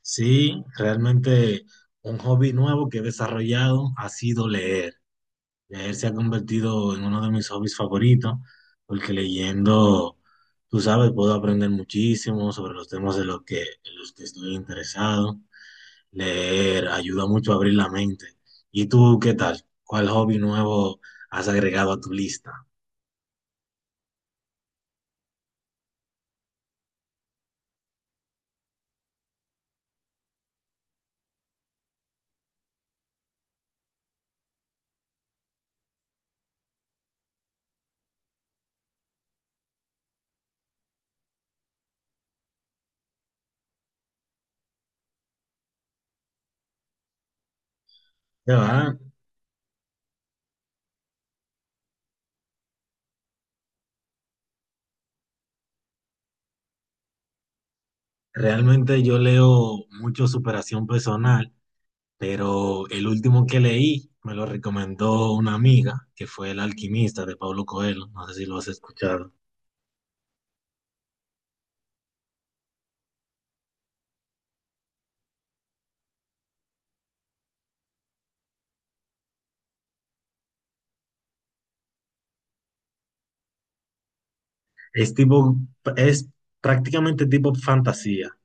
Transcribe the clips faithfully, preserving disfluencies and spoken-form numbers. Sí, realmente un hobby nuevo que he desarrollado ha sido leer. Leer se ha convertido en uno de mis hobbies favoritos, porque leyendo, tú sabes, puedo aprender muchísimo sobre los temas de lo que, en los que estoy interesado. Leer ayuda mucho a abrir la mente. ¿Y tú qué tal? ¿Cuál hobby nuevo has agregado a tu lista? Ya va. Realmente yo leo mucho superación personal, pero el último que leí me lo recomendó una amiga, que fue El alquimista de Pablo Coelho, no sé si lo has escuchado. Es tipo, es prácticamente tipo fantasía.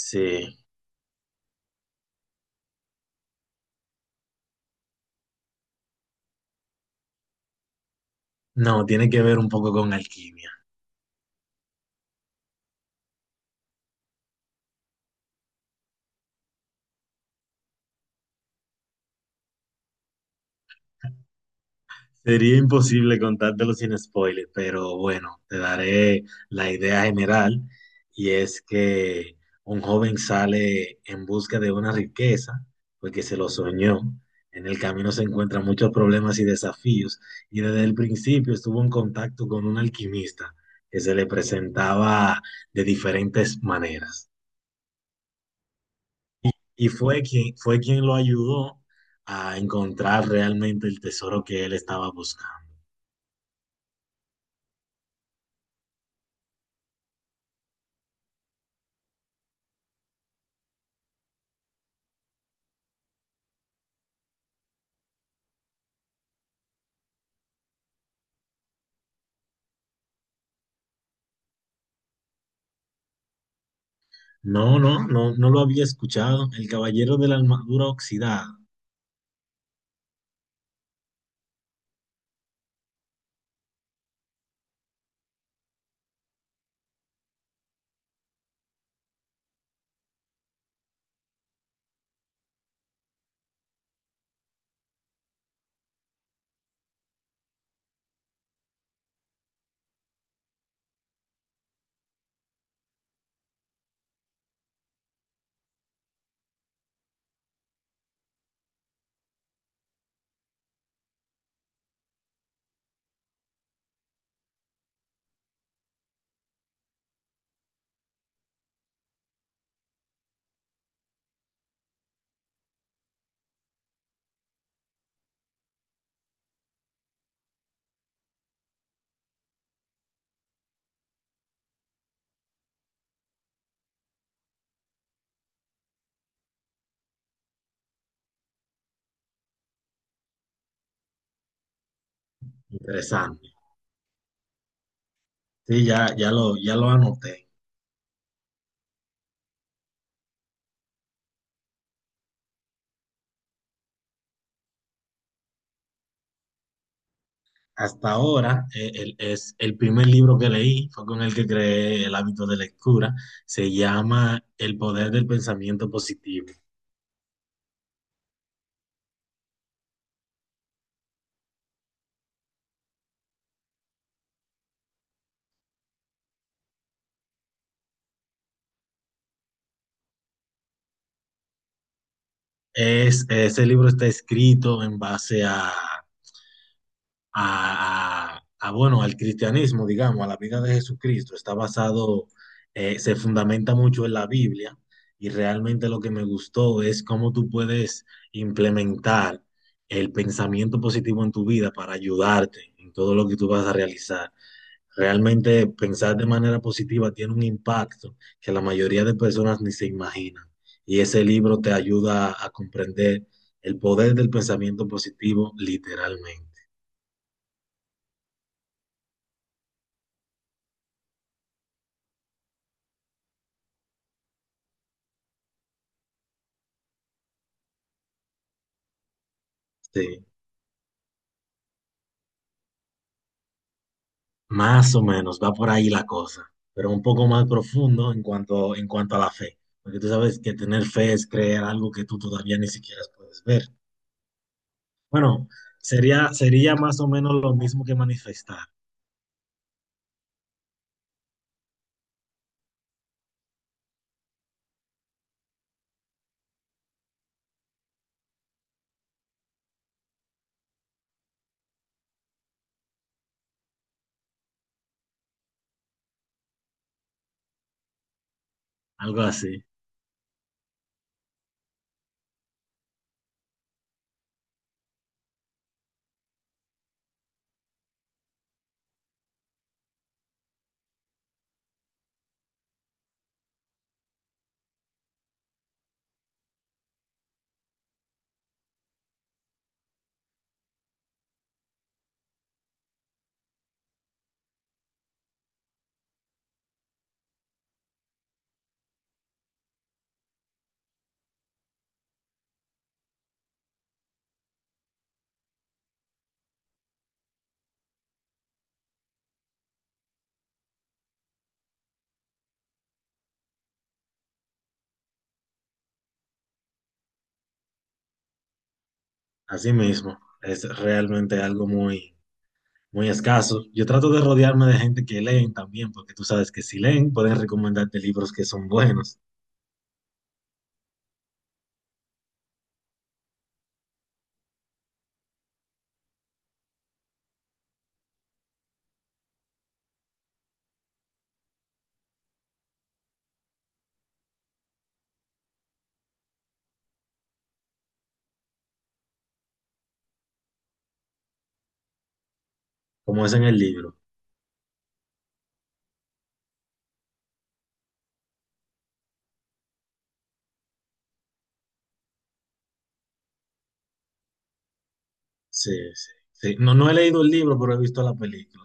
Sí, no, tiene que ver un poco con alquimia. Sería imposible contártelo sin spoiler, pero bueno, te daré la idea general, y es que un joven sale en busca de una riqueza porque se lo soñó. En el camino se encuentran muchos problemas y desafíos, y desde el principio estuvo en contacto con un alquimista que se le presentaba de diferentes maneras, y fue quien, fue quien lo ayudó a encontrar realmente el tesoro que él estaba buscando. No, no, no, no lo había escuchado. El Caballero de la Armadura Oxidada. Interesante. Sí, ya, ya lo, ya lo anoté. Hasta ahora, eh, el- es el primer libro que leí, fue con el que creé el hábito de lectura. Se llama El poder del pensamiento positivo. Es, ese libro está escrito en base a a, a, a, bueno, al cristianismo, digamos, a la vida de Jesucristo. Está basado, eh, se fundamenta mucho en la Biblia, y realmente lo que me gustó es cómo tú puedes implementar el pensamiento positivo en tu vida para ayudarte en todo lo que tú vas a realizar. Realmente pensar de manera positiva tiene un impacto que la mayoría de personas ni se imaginan. Y ese libro te ayuda a comprender el poder del pensamiento positivo literalmente. Sí. Más o menos, va por ahí la cosa, pero un poco más profundo en cuanto, en cuanto a la fe, porque tú sabes que tener fe es creer algo que tú todavía ni siquiera puedes ver. Bueno, sería, sería más o menos lo mismo que manifestar, algo así, así mismo. Es realmente algo muy, muy escaso. Yo trato de rodearme de gente que leen también, porque tú sabes que si leen pueden recomendarte libros que son buenos, como es en el libro. Sí, sí, sí. No, no he leído el libro, pero he visto la película.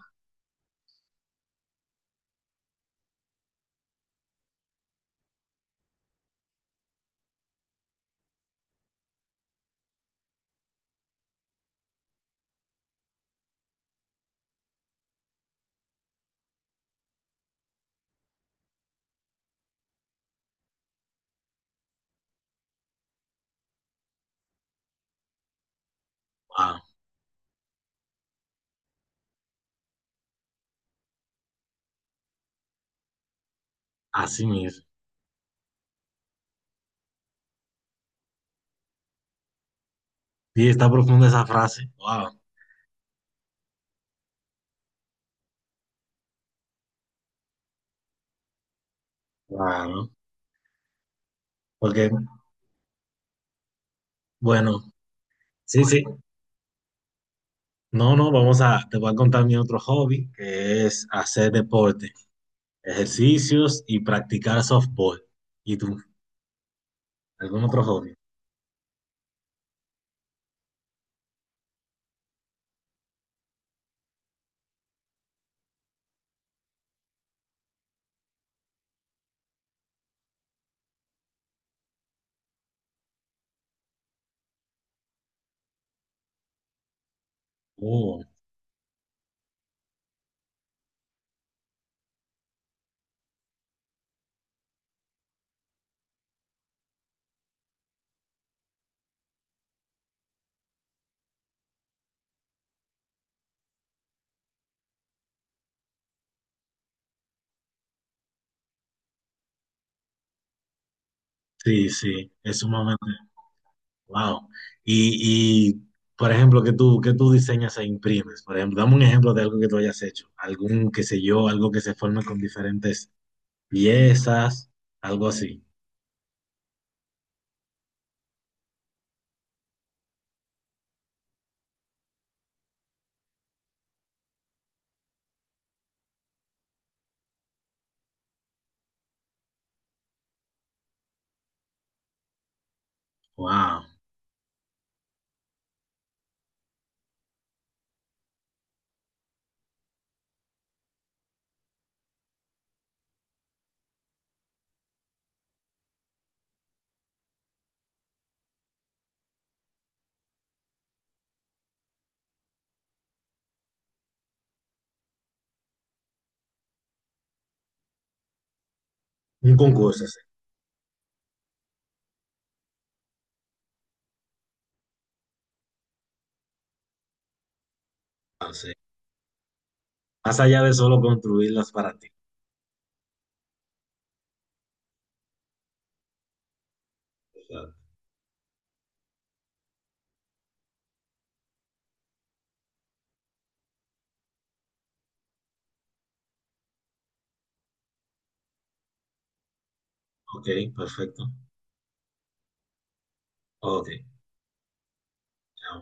Wow, así mismo. Sí, está profunda esa frase. Wow. Claro. Porque, bueno, sí, sí. No, no, vamos a, te voy a contar mi otro hobby, que es hacer deporte, ejercicios y practicar softball. ¿Y tú? ¿Algún otro hobby? Oh, sí, sí, es sumamente, wow. Y, y, por ejemplo, ¿qué tú, qué tú diseñas e imprimes? Por ejemplo, dame un ejemplo de algo que tú hayas hecho. Algún, qué sé yo, algo que se forme con diferentes piezas, algo así. Wow. Un concurso. Ah, sí. Más allá de solo construirlas para ti. O sea, ok, perfecto. Ok. Ya.